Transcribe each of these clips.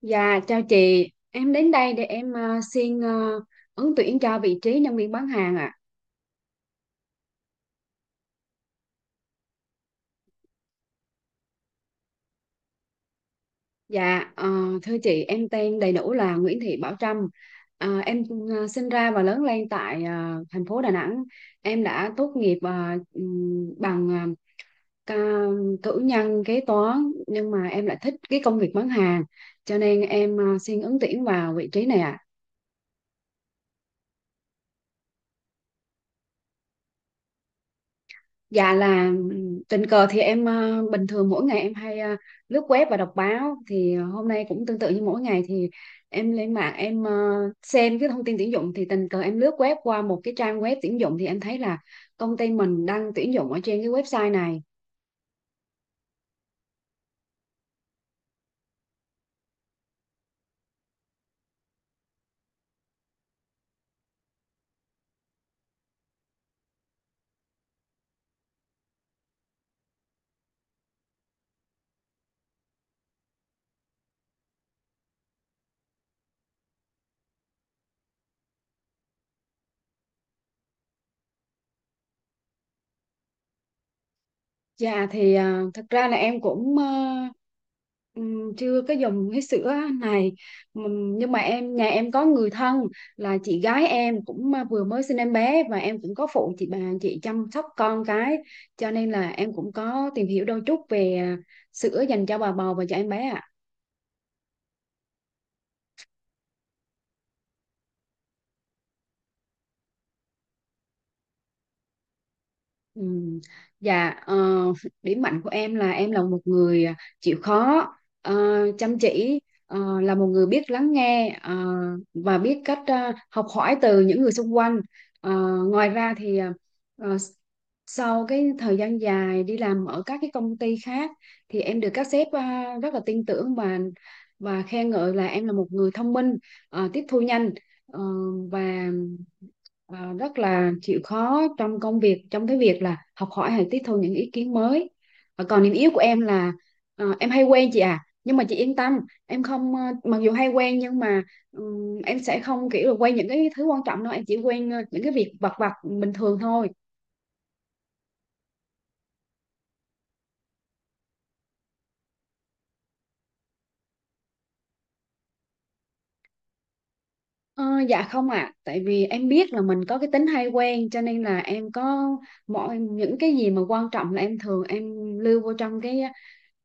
Dạ, chào chị. Em đến đây để em xin ứng tuyển cho vị trí nhân viên bán hàng ạ. Dạ, thưa chị, em tên đầy đủ là Nguyễn Thị Bảo Trâm. Em sinh ra và lớn lên tại thành phố Đà Nẵng. Em đã tốt nghiệp bằng ờ, ca cử nhân kế toán, nhưng mà em lại thích cái công việc bán hàng, cho nên em xin ứng tuyển vào vị trí này ạ. Dạ là tình cờ thì em bình thường mỗi ngày em hay lướt web và đọc báo, thì hôm nay cũng tương tự như mỗi ngày, thì em lên mạng em xem cái thông tin tuyển dụng, thì tình cờ em lướt web qua một cái trang web tuyển dụng thì em thấy là công ty mình đang tuyển dụng ở trên cái website này. Dạ thì à, thật ra là em cũng chưa có dùng cái sữa này. Nhưng mà em nhà em có người thân là chị gái em cũng à, vừa mới sinh em bé, và em cũng có phụ bà chị chăm sóc con cái, cho nên là em cũng có tìm hiểu đôi chút về à, sữa dành cho bà bầu và cho em bé ạ. Ừ. Dạ, điểm mạnh của em là một người à, chịu khó, ờ, chăm chỉ, là một người biết lắng nghe và biết cách học hỏi từ những người xung quanh. Ờ, ngoài ra thì ờ, sau cái thời gian dài đi làm ở các cái công ty khác, thì em được các sếp rất là tin tưởng và khen ngợi là em là một người thông minh, tiếp thu nhanh, ờ, và rất là chịu khó trong công việc, trong cái việc là học hỏi hay tiếp thu những ý kiến mới. Còn điểm yếu của em là em hay quen, chị à, nhưng mà chị yên tâm, em không mặc dù hay quen nhưng mà em sẽ không kiểu là quen những cái thứ quan trọng đâu, em chỉ quen những cái việc vặt vặt bình thường thôi. Ờ, dạ không ạ, tại vì em biết là mình có cái tính hay quen, cho nên là em có mọi những cái gì mà quan trọng là em thường em lưu vô trong cái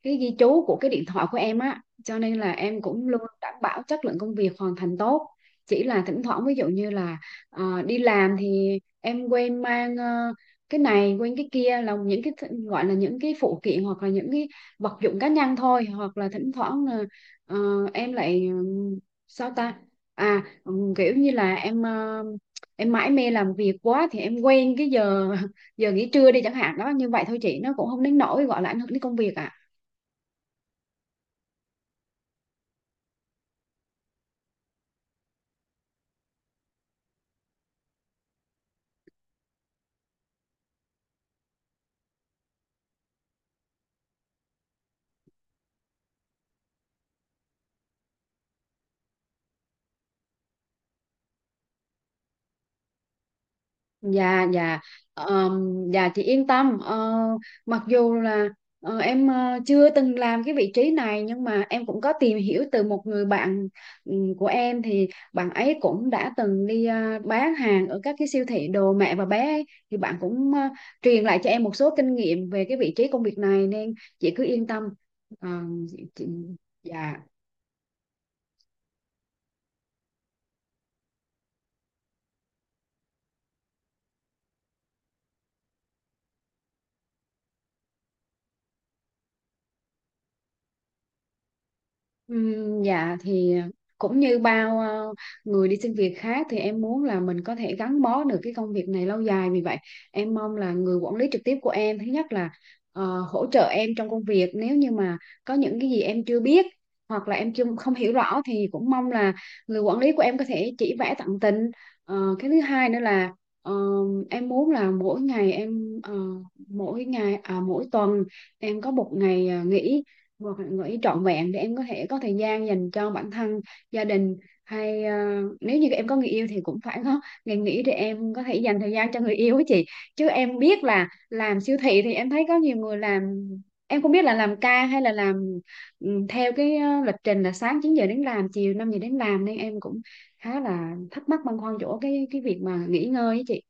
cái ghi chú của cái điện thoại của em á, cho nên là em cũng luôn đảm bảo chất lượng công việc hoàn thành tốt. Chỉ là thỉnh thoảng, ví dụ như là đi làm thì em quên mang cái này quên cái kia, là những cái gọi là những cái phụ kiện hoặc là những cái vật dụng cá nhân thôi, hoặc là thỉnh thoảng là ờ, em lại sao ta, kiểu như là em mãi mê làm việc quá thì em quên cái giờ giờ nghỉ trưa đi chẳng hạn đó, như vậy thôi chị, nó cũng không đến nỗi gọi là ảnh hưởng đến công việc ạ. Dạ, dạ. Ờm, dạ chị yên tâm. Ờ, mặc dù là em chưa từng làm cái vị trí này, nhưng mà em cũng có tìm hiểu từ một người bạn của em, thì bạn ấy cũng đã từng đi bán hàng ở các cái siêu thị đồ mẹ và bé ấy. Thì bạn cũng truyền lại cho em một số kinh nghiệm về cái vị trí công việc này, nên chị cứ yên tâm. Ờ, chị, dạ. Dạ thì cũng như bao người đi xin việc khác, thì em muốn là mình có thể gắn bó được cái công việc này lâu dài, vì vậy em mong là người quản lý trực tiếp của em, thứ nhất là hỗ trợ em trong công việc, nếu như mà có những cái gì em chưa biết hoặc là em chưa không hiểu rõ, thì cũng mong là người quản lý của em có thể chỉ vẽ tận tình. Cái thứ hai nữa là ờ, em muốn là mỗi ngày em mỗi ngày à, mỗi tuần em có một ngày à, nghỉ, một ngày nghỉ trọn vẹn để em có thể có thời gian dành cho bản thân, gia đình, hay nếu như em có người yêu thì cũng phải có ngày nghỉ để em có thể dành thời gian cho người yêu ấy chị. Chứ em biết là làm siêu thị thì em thấy có nhiều người làm, em không biết là làm ca hay là làm theo cái lịch trình là sáng 9 giờ đến làm, chiều 5 giờ đến làm, nên em cũng khá là thắc mắc băn khoăn chỗ cái việc mà nghỉ ngơi ấy chị.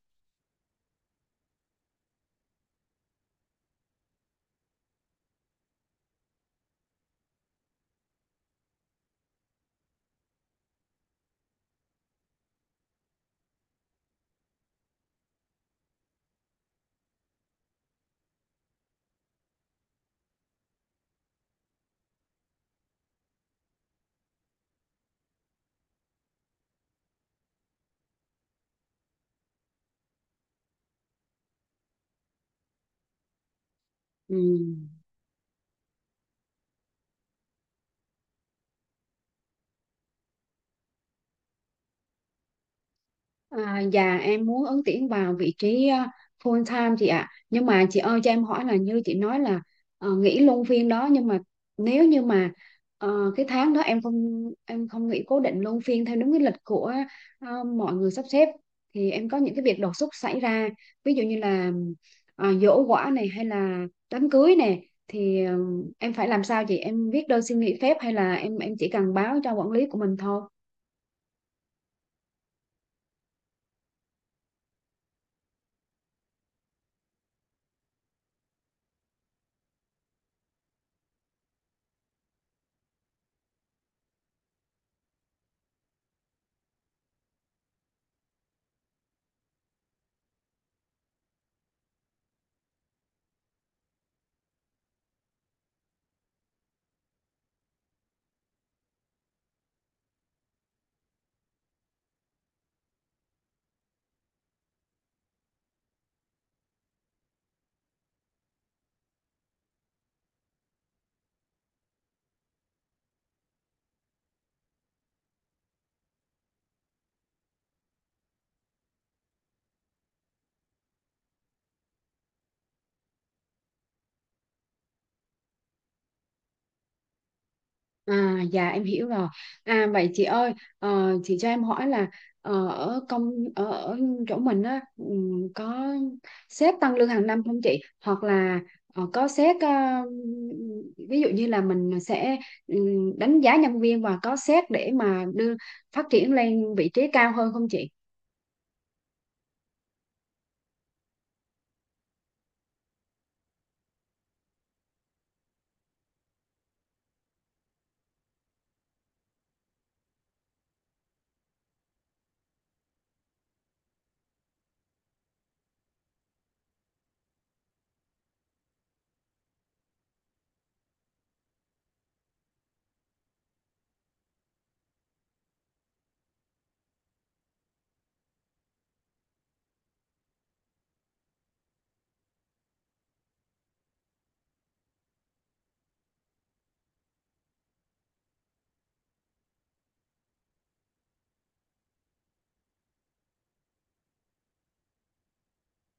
Ừ. À, dạ em muốn ứng tuyển vào vị trí à, full time chị ạ, nhưng mà chị ơi cho em hỏi là như chị nói là nghỉ luân phiên đó, nhưng mà nếu như mà cái tháng đó em không nghỉ cố định luân phiên theo đúng cái lịch của mọi người sắp xếp, thì em có những cái việc đột xuất xảy ra, ví dụ như là giỗ quả này hay là đám cưới này, thì em phải làm sao chị, em viết đơn xin nghỉ phép hay là em chỉ cần báo cho quản lý của mình thôi? À, dạ em hiểu rồi. À vậy chị ơi, chị cho em hỏi là ở chỗ mình á, có sếp tăng lương hàng năm không chị? Hoặc là có sếp ví dụ như là mình sẽ đánh giá nhân viên, và có sếp để mà đưa phát triển lên vị trí cao hơn không chị?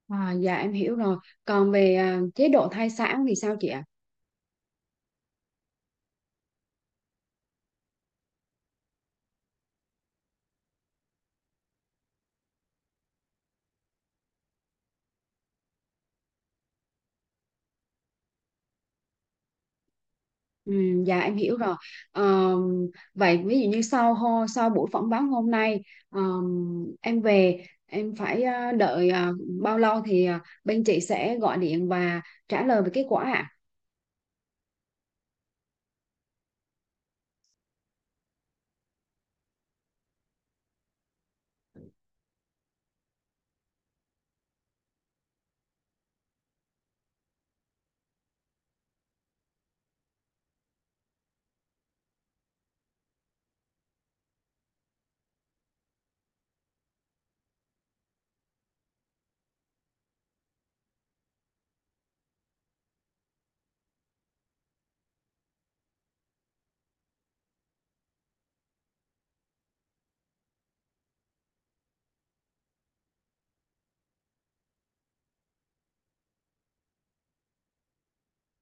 À, dạ em hiểu rồi. Còn về à, chế độ thai sản thì sao chị ạ? Ừ, dạ em hiểu rồi. Ờm, vậy ví dụ như sau buổi phỏng vấn hôm nay, em về em phải đợi bao lâu thì bên chị sẽ gọi điện và trả lời về kết quả ạ?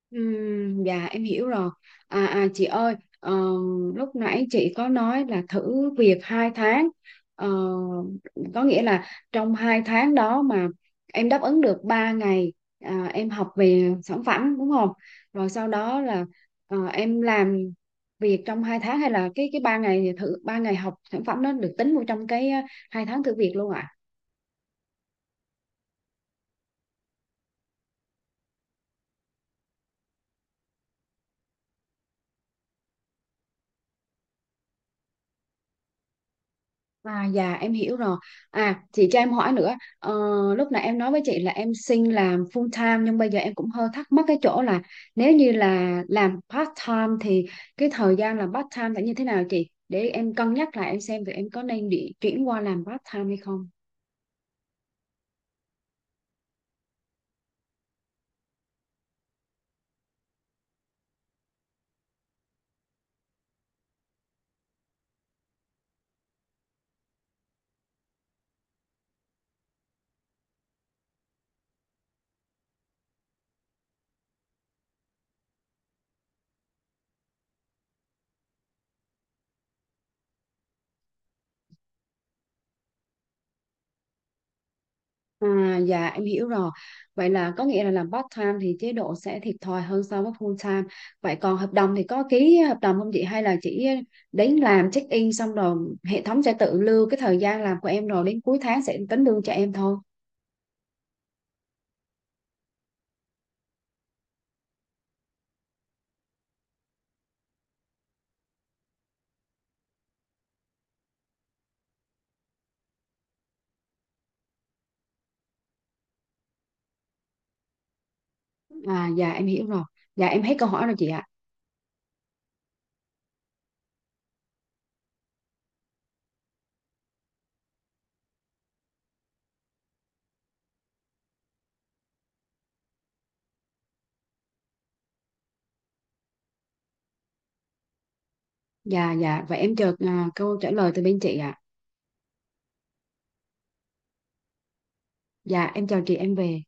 Dạ em hiểu rồi. Chị ơi, ờ, lúc nãy chị có nói là thử việc 2 tháng. Ờ, có nghĩa là trong 2 tháng đó mà em đáp ứng được 3 ngày à, em học về sản phẩm đúng không? Rồi sau đó là em làm việc trong 2 tháng, hay là cái 3 ngày thử 3 ngày học sản phẩm nó được tính vô trong cái 2 tháng thử việc luôn ạ? À, dạ em hiểu rồi. À chị cho em hỏi nữa. Ờ, lúc nãy em nói với chị là em xin làm full time, nhưng bây giờ em cũng hơi thắc mắc cái chỗ là nếu như là làm part time thì cái thời gian làm part time sẽ như thế nào chị? Để em cân nhắc lại, em xem thì em có nên đi chuyển qua làm part time hay không. À, dạ em hiểu rồi. Vậy là có nghĩa là làm part time thì chế độ sẽ thiệt thòi hơn so với full time. Vậy còn hợp đồng thì có ký hợp đồng không chị, hay là chỉ đến làm check in xong rồi hệ thống sẽ tự lưu cái thời gian làm của em, rồi đến cuối tháng sẽ tính lương cho em thôi? À, dạ em hiểu rồi. Dạ em hết câu hỏi rồi chị ạ. Dạ, dạ, vậy em chờ à, câu trả lời từ bên chị ạ. Dạ em chào chị, em về.